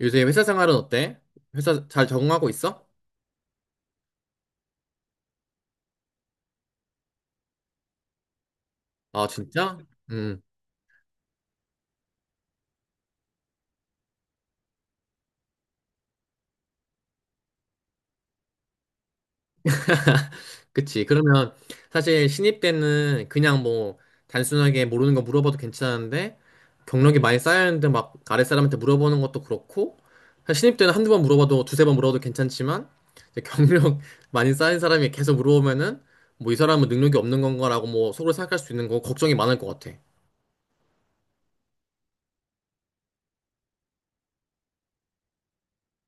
요새 회사 생활은 어때? 회사 잘 적응하고 있어? 아, 진짜? 음. 그치. 그러면 사실 신입 때는 그냥 뭐 단순하게 모르는 거 물어봐도 괜찮은데 경력이 많이 쌓였는데 막 아랫 사람한테 물어보는 것도 그렇고 사실 신입 때는 한두 번 물어봐도 두세 번 물어도 괜찮지만 이제 경력 많이 쌓인 사람이 계속 물어보면은 뭐 이 사람은 능력이 없는 건가라고 뭐 속으로 생각할 수 있는 거 걱정이 많을 것 같아.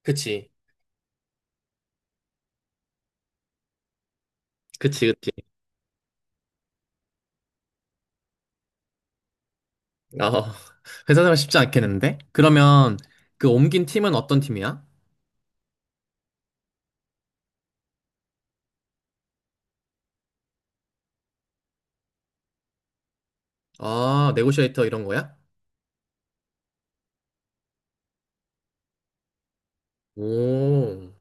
그치. 그치, 그치. 어, 회사 생활 쉽지 않겠는데? 그러면 그 옮긴 팀은 어떤 팀이야? 아, 네고시에이터 이런 거야? 오,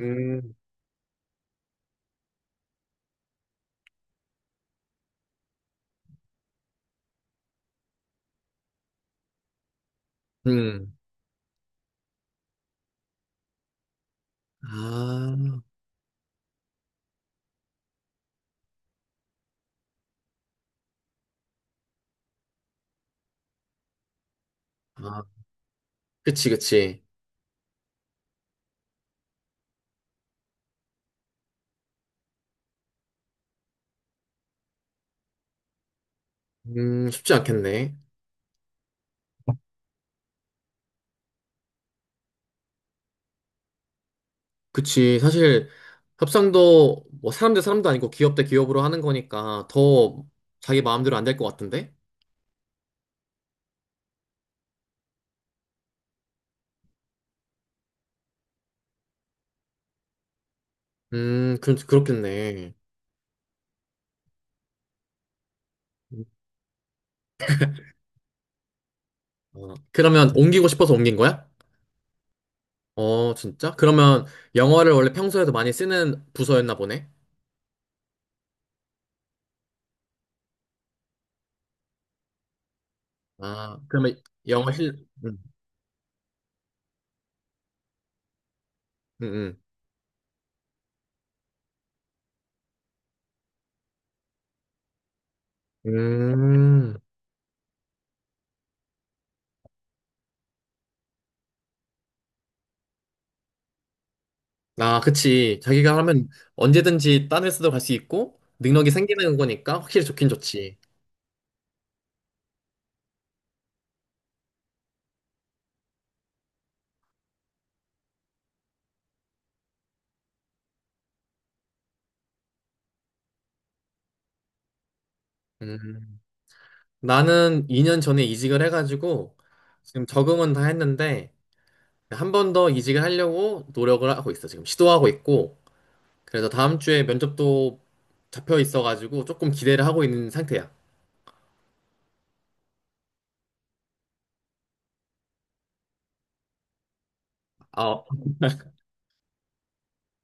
음, 음, 아, 아, 그치, 그치. 쉽지 않겠네. 그치, 사실 협상도 뭐 사람 대 사람도 아니고 기업 대 기업으로 하는 거니까 더 자기 마음대로 안 될 것 같은데? 그, 그렇겠네. 어, 그러면 옮기고 싶어서 옮긴 거야? 어, 진짜? 그러면 영어를 원래 평소에도 많이 쓰는 부서였나 보네? 아, 그러면 영어 실, 음, 음. 아, 그치. 자기가 하면 언제든지 딴 회사도 갈 수 있고, 능력이 생기는 거니까 확실히 좋긴 좋지. 음. 나는 2년 전에 이직을 해가지고, 지금 적응은 다 했는데, 한 번 더 이직을 하려고 노력을 하고 있어. 지금 시도하고 있고, 그래서 다음 주에 면접도 잡혀 있어가지고, 조금 기대를 하고 있는 상태야. 어.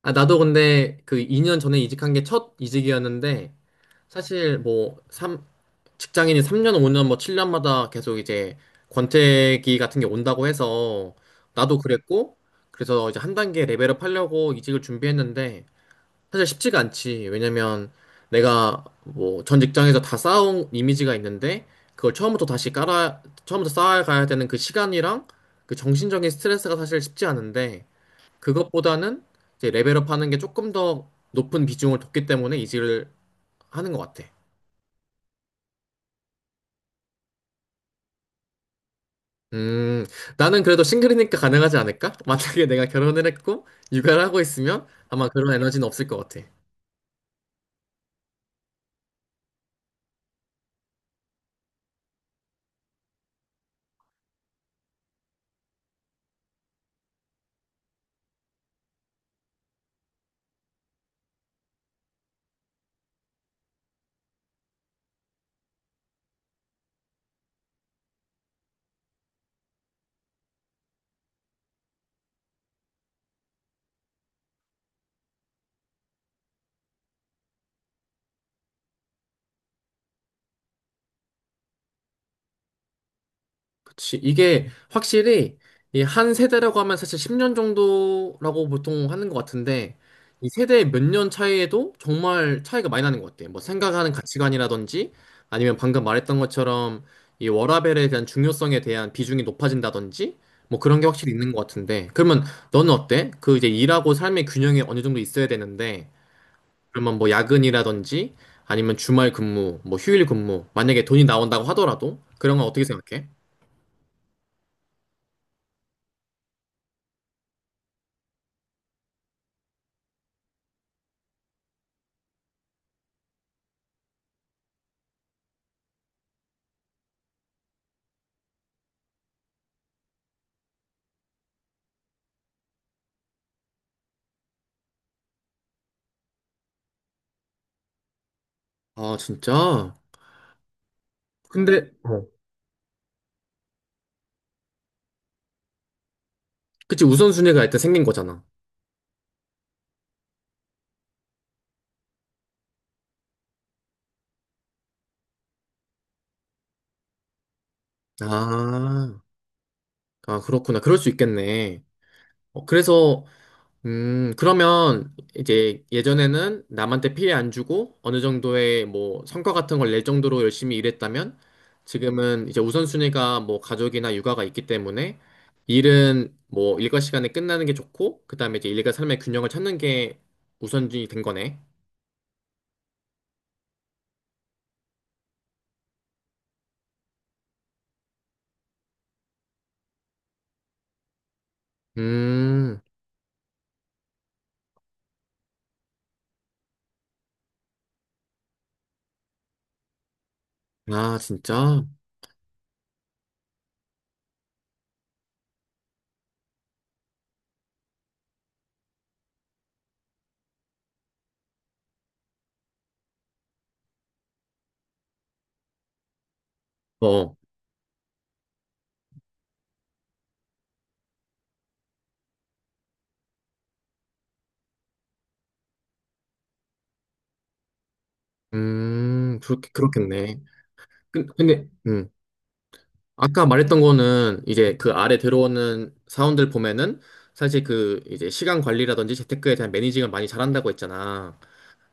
아, 아, 나도 근데 그 2년 전에 이직한 게 첫 이직이었는데, 사실 뭐 삼, 직장인이 3년, 5년, 뭐 7년마다 계속 이제 권태기 같은 게 온다고 해서 나도 그랬고 그래서 이제 한 단계 레벨업 하려고 이직을 준비했는데 사실 쉽지가 않지. 왜냐면 내가 뭐 전 직장에서 다 쌓아온 이미지가 있는데 그걸 처음부터 다시 깔아 처음부터 쌓아가야 되는 그 시간이랑 그 정신적인 스트레스가 사실 쉽지 않은데 그것보다는 이제 레벨업 하는 게 조금 더 높은 비중을 뒀기 때문에 이직을 하는 것 같아. 음, 나는 그래도 싱글이니까 가능하지 않을까? 만약에 내가 결혼을 했고 육아를 하고 있으면 아마 그런 에너지는 없을 것 같아. 그치. 이게 확실히 이 한 세대라고 하면 사실 10년 정도라고 보통 하는 것 같은데 이 세대의 몇 년 차이에도 정말 차이가 많이 나는 것 같아. 뭐 생각하는 가치관이라든지 아니면 방금 말했던 것처럼 이 워라밸에 대한 중요성에 대한 비중이 높아진다든지 뭐 그런 게 확실히 있는 것 같은데 그러면 너는 어때? 그 이제 일하고 삶의 균형이 어느 정도 있어야 되는데 그러면 뭐 야근이라든지 아니면 주말 근무, 뭐 휴일 근무, 만약에 돈이 나온다고 하더라도 그런 건 어떻게 생각해? 아, 진짜? 근데, 어. 그치, 우선순위가 일단 생긴 거잖아. 아, 아, 그렇구나. 그럴 수 있겠네. 어, 그래서 그러면 이제 예전에는 남한테 피해 안 주고 어느 정도의 뭐 성과 같은 걸 낼 정도로 열심히 일했다면 지금은 이제 우선순위가 뭐 가족이나 육아가 있기 때문에 일은 뭐 일과 시간에 끝나는 게 좋고 그다음에 이제 일과 삶의 균형을 찾는 게 우선순위 된 거네. 음, 아, 진짜? 어, 그렇게, 그렇겠네. 근데, 아까 말했던 거는 이제 그 아래 들어오는 사원들 보면은 사실 그 이제 시간 관리라든지 재테크에 대한 매니징을 많이 잘한다고 했잖아.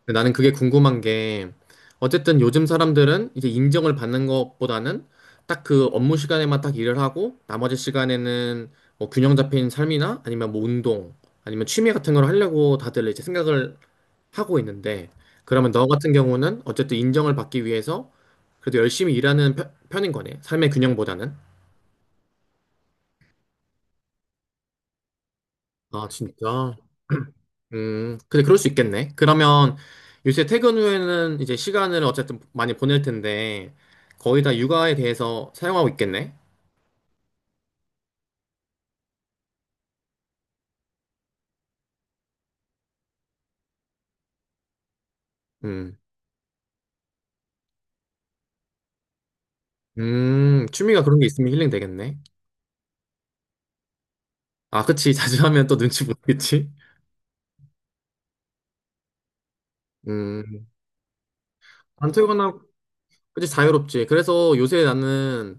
근데 나는 그게 궁금한 게 어쨌든 요즘 사람들은 이제 인정을 받는 것보다는 딱 그 업무 시간에만 딱 일을 하고 나머지 시간에는 뭐 균형 잡힌 삶이나 아니면 뭐 운동 아니면 취미 같은 걸 하려고 다들 이제 생각을 하고 있는데 그러면 너 같은 경우는 어쨌든 인정을 받기 위해서 그래도 열심히 일하는 편인 거네. 삶의 균형보다는. 아, 진짜? 근데 그럴 수 있겠네. 그러면 요새 퇴근 후에는 이제 시간을 어쨌든 많이 보낼 텐데 거의 다 육아에 대해서 사용하고 있겠네. 음, 취미가 그런 게 있으면 힐링 되겠네. 아, 그치. 자주 하면 또 눈치 보겠지. 음, 안 퇴근하고, 그치. 자유롭지. 그래서 요새 나는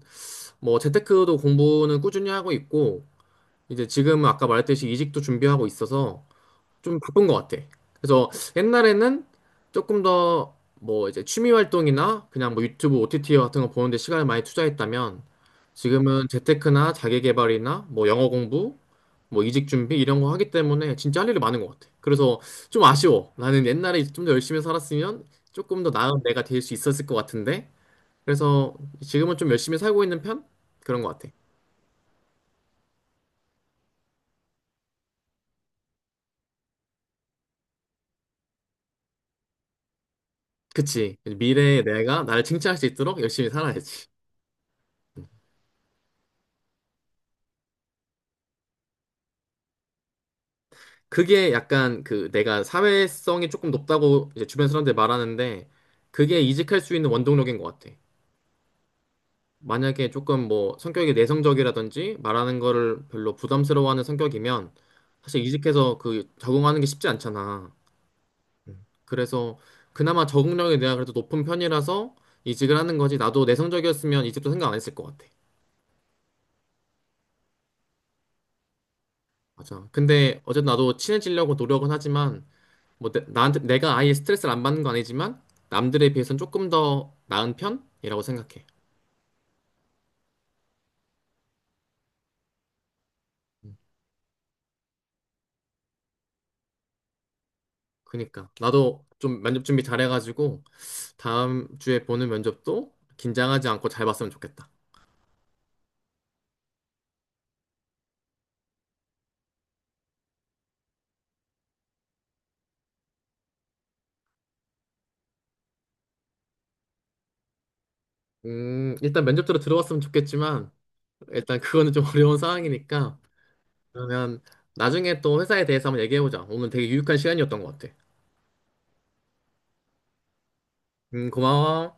뭐 재테크도 공부는 꾸준히 하고 있고 이제 지금은 아까 말했듯이 이직도 준비하고 있어서 좀 바쁜 것 같아. 그래서 옛날에는 조금 더 뭐 이제 취미 활동이나 그냥 뭐 유튜브 OTT 같은 거 보는데 시간을 많이 투자했다면 지금은 재테크나 자기 개발이나 뭐 영어 공부, 뭐 이직 준비 이런 거 하기 때문에 진짜 할 일이 많은 것 같아. 그래서 좀 아쉬워. 나는 옛날에 좀 더 열심히 살았으면 조금 더 나은 내가 될 수 있었을 것 같은데. 그래서 지금은 좀 열심히 살고 있는 편? 그런 것 같아. 그치. 미래의 내가 나를 칭찬할 수 있도록 열심히 살아야지. 그게 약간 그 내가 사회성이 조금 높다고 이제 주변 사람들 말하는데 그게 이직할 수 있는 원동력인 것 같아. 만약에 조금 뭐 성격이 내성적이라든지 말하는 거를 별로 부담스러워하는 성격이면 사실 이직해서 그 적응하는 게 쉽지 않잖아. 그래서 그나마 적응력이 내가 그래도 높은 편이라서 이직을 하는 거지. 나도 내성적이었으면 이직도 생각 안 했을 것 같아. 맞아. 근데 어쨌든 나도 친해지려고 노력은 하지만 뭐 나한테 내가 아예 스트레스를 안 받는 건 아니지만 남들에 비해선 조금 더 나은 편이라고 생각해. 그니까 나도 좀 면접 준비 잘해가지고 다음 주에 보는 면접도 긴장하지 않고 잘 봤으면 좋겠다. 일단 면접대로 들어왔으면 좋겠지만 일단 그거는 좀 어려운 상황이니까 그러면 나중에 또 회사에 대해서 한번 얘기해보자. 오늘 되게 유익한 시간이었던 것 같아. 고마워.